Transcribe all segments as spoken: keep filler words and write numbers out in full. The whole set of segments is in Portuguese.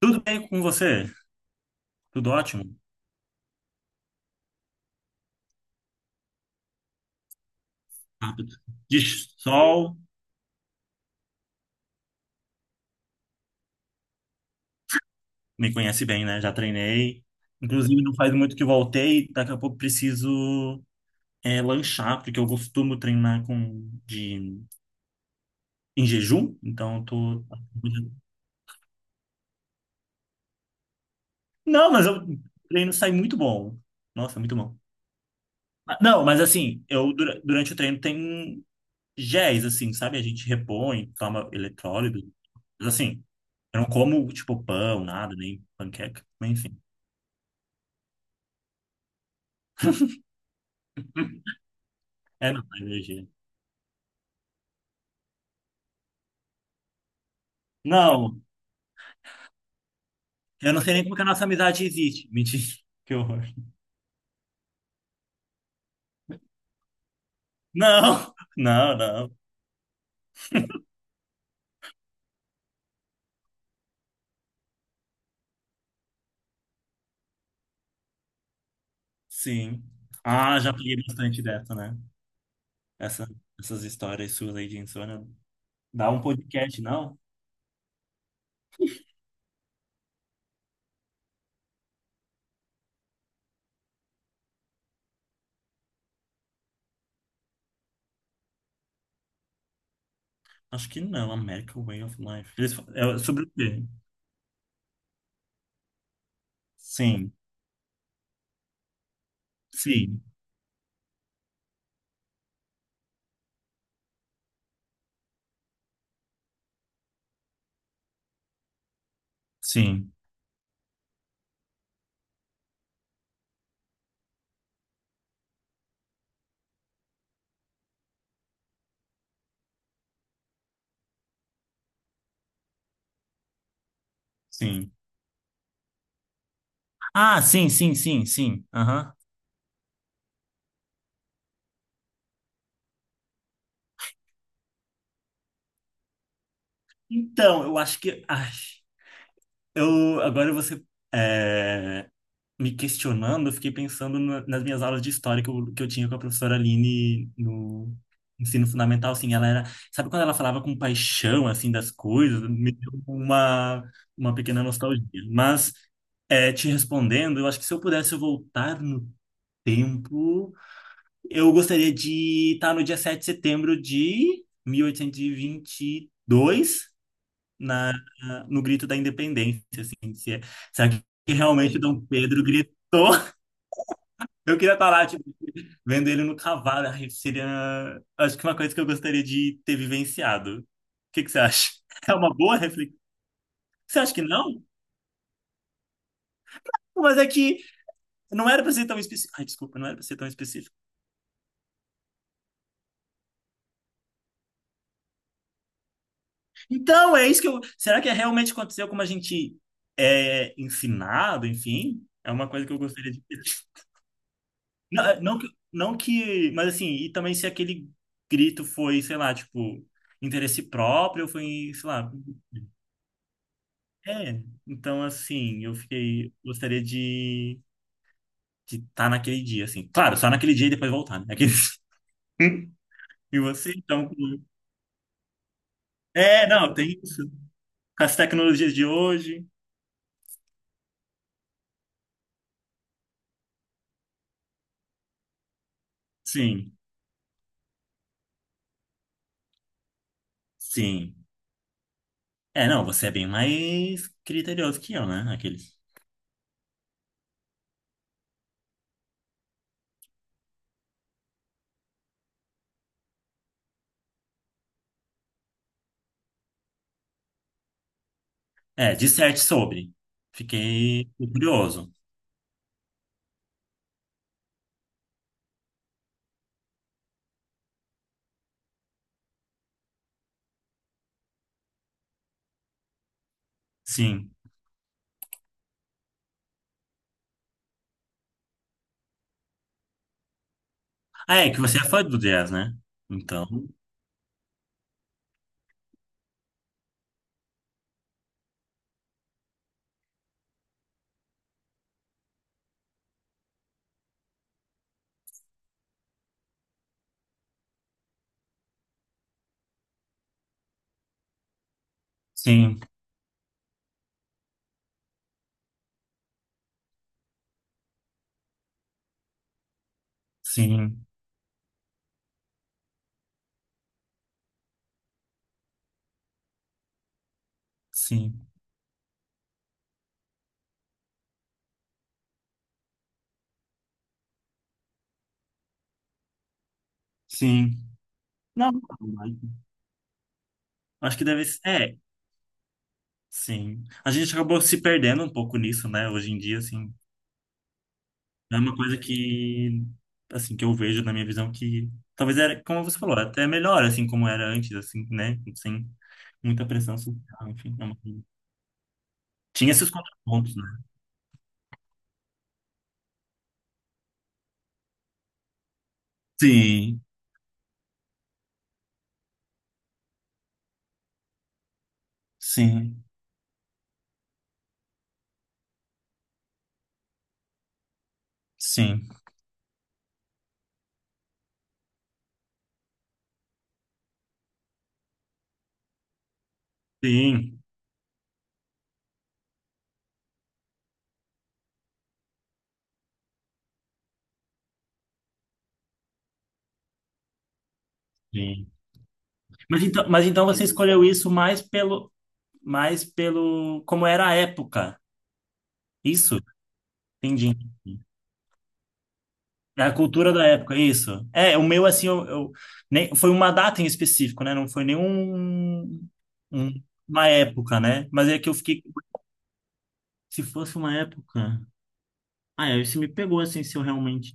Tudo bem com você? Tudo ótimo? Rápido. De sol, me conhece bem, né? Já treinei. Inclusive, não faz muito que voltei. Daqui a pouco preciso é, lanchar, porque eu costumo treinar com, de, em jejum. Então, eu tô... Não, mas eu- o treino sai muito bom. Nossa, muito bom. Ah, não, mas assim, eu dura- durante o treino tem géis, assim, sabe? A gente repõe, toma eletrólito. Mas assim, eu não como, tipo, pão, nada, nem panqueca. Mas, Enfim. É, não, é energia. Não, eu não sei nem como que a nossa amizade existe. Mentira, que horror. Não, não, não. Sim. Ah, já peguei bastante dessa, né? Essa, essas histórias suas aí de insônia. Dá um podcast, não? Acho que não, American Way of Life. Eles, fa- é sobre o quê? Sim, sim, sim, sim. Ah, sim, sim, sim, sim. Aham. Então, eu acho que. Ai, eu, agora você. Me questionando, eu fiquei pensando na- nas minhas aulas de história que eu, que eu tinha com a professora Aline no ensino fundamental, assim, ela era, sabe quando ela falava com paixão, assim, das coisas, me deu uma, uma pequena nostalgia. Mas, é, te respondendo, eu acho que se eu pudesse voltar no tempo, eu gostaria de estar no dia sete de setembro de mil oitocentos e e vinte e dois, na, no grito da independência, assim, se é, será que realmente Dom Pedro gritou? Eu queria estar lá, tipo, vendo ele no cavalo. Ai, seria, acho que uma coisa que eu gostaria de ter vivenciado. O que que você acha? É uma boa reflexão? Você acha que não? Mas é que não era para ser tão específico. Ai, desculpa, não era para ser tão específico. Então, é isso que eu. Será que é realmente aconteceu como a gente é ensinado, enfim? É uma coisa que eu gostaria de. ter. Não, é, não, que- não que. Mas assim, e também se aquele grito foi, sei lá, tipo, interesse próprio, ou foi, sei lá, é, então assim, eu fiquei, gostaria de de estar naquele dia, assim. Claro, só naquele dia e depois voltar, né? Aqueles... E você, então... com- é, não, tem isso. Com as tecnologias de hoje, sim, sim. É, não, você é bem mais criterioso que eu, né? Aqueles... É, disserte sobre. Fiquei curioso, sim. Ah, é, que você é fã do jazz, né? Então, sim, sim, sim, sim. Não, acho que deve ser. é, Sim. A gente acabou se perdendo um pouco nisso, né? Hoje em dia, assim, é uma coisa que, assim, que eu vejo na minha visão que talvez era, como você falou, até melhor, assim, como era antes, assim, né? Sem muita pressão social, enfim. é uma coisa- Tinha esses contrapontos, né? Sim, sim, sim, sim, sim. Mas então, mas então você escolheu isso mais pelo, mais pelo, como era a época. Isso? Entendi. É a cultura da época, isso. É, o meu, assim, eu, eu- nem, foi uma data em específico, né? Não foi nenhum um- uma época, né? Mas é que eu fiquei, se fosse uma época. Ah, é, isso me pegou, assim, se eu realmente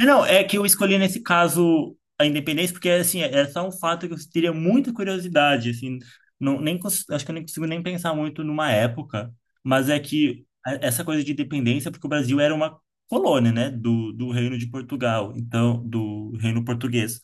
é, não, é que eu escolhi nesse caso a independência, porque assim, é é só um fato que eu teria muita curiosidade, assim, não, nem, cons- acho que eu nem consigo nem pensar muito numa época, mas é que a- essa coisa de independência, porque o Brasil era uma colônia, né, do, do Reino de Portugal, então, do Reino Português.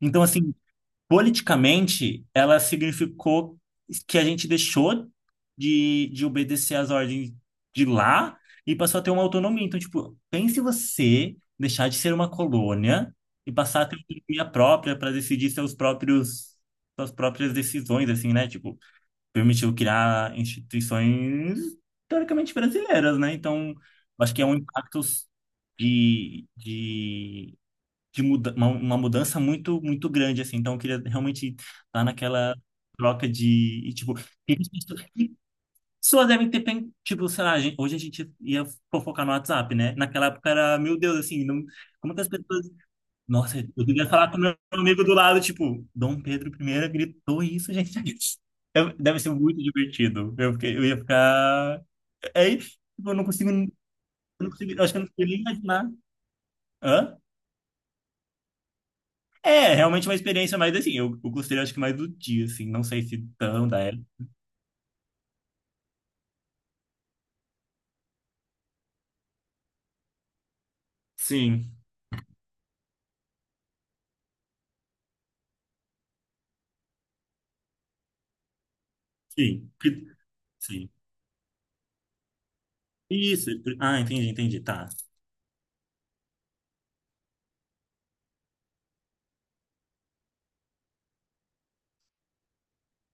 Então, assim, politicamente, ela significou que a gente deixou de, de obedecer às ordens de lá e passou a ter uma autonomia. Então, tipo, pense você deixar de ser uma colônia e passar a ter autonomia própria para decidir seus próprios, suas próprias decisões, assim, né? Tipo, permitiu criar instituições teoricamente brasileiras, né? Então, acho que é um impacto de, de de muda uma, uma mudança muito muito grande assim. Então eu queria realmente estar naquela troca de e, tipo, o que que as pessoas que pessoas devem ter pen- tipo, sei lá, a gente- hoje a gente ia fofocar no WhatsApp, né? Naquela época era, meu Deus, assim, não, como que as pessoas, nossa, eu devia falar com meu amigo do lado, tipo, Dom Pedro primeiro gritou isso, gente. Eu- Deve ser muito divertido. Eu, fiquei- eu ia ficar. É, isso, tipo, eu não consigo. Eu não consigo, eu acho que eu não consigo nem imaginar. Hã? É, realmente uma experiência mais assim. Eu, eu gostei, acho que mais do dia, assim. Não sei se tão da época. Sim, sim, que- sim. Isso. Ah, entendi, entendi. Tá.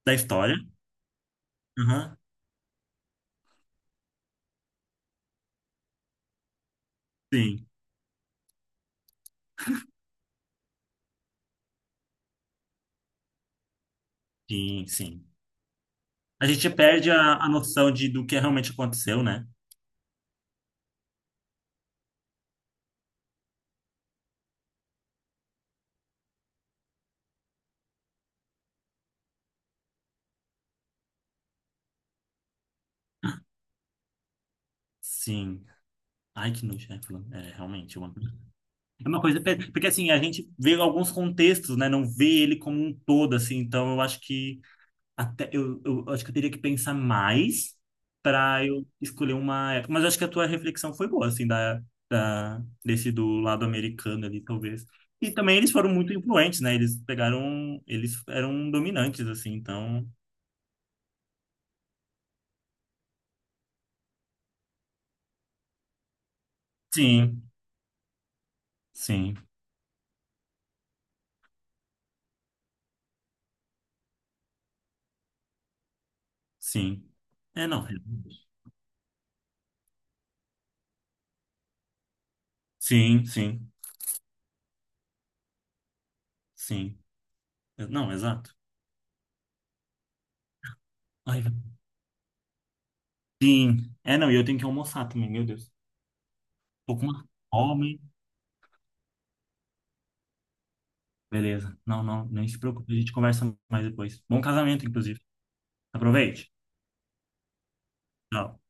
Da história. Aham. Sim, sim, sim. A gente perde a, a noção de, do que realmente aconteceu, né? Sim. Ai, que nojo, né? falando- É, realmente. Uma... É uma coisa. pe- Porque, assim, a gente vê alguns contextos, né? Não vê ele como um todo, assim. Então, eu acho que. Até, eu, eu acho que eu teria que pensar mais para eu escolher uma época. Mas acho que a tua reflexão foi boa, assim, da, da, desse do lado americano ali, talvez. E também eles foram muito influentes, né? Eles pegaram, eles eram dominantes, assim, então. Sim, sim, sim. É, não. Sim, sim, sim. Não, exato. Ai, sim. É, não, e eu tenho que almoçar também, meu Deus. Tô com uma fome. Beleza. Não, não, nem se preocupe, a gente conversa mais depois. Bom casamento, inclusive. Aproveite. Tchau.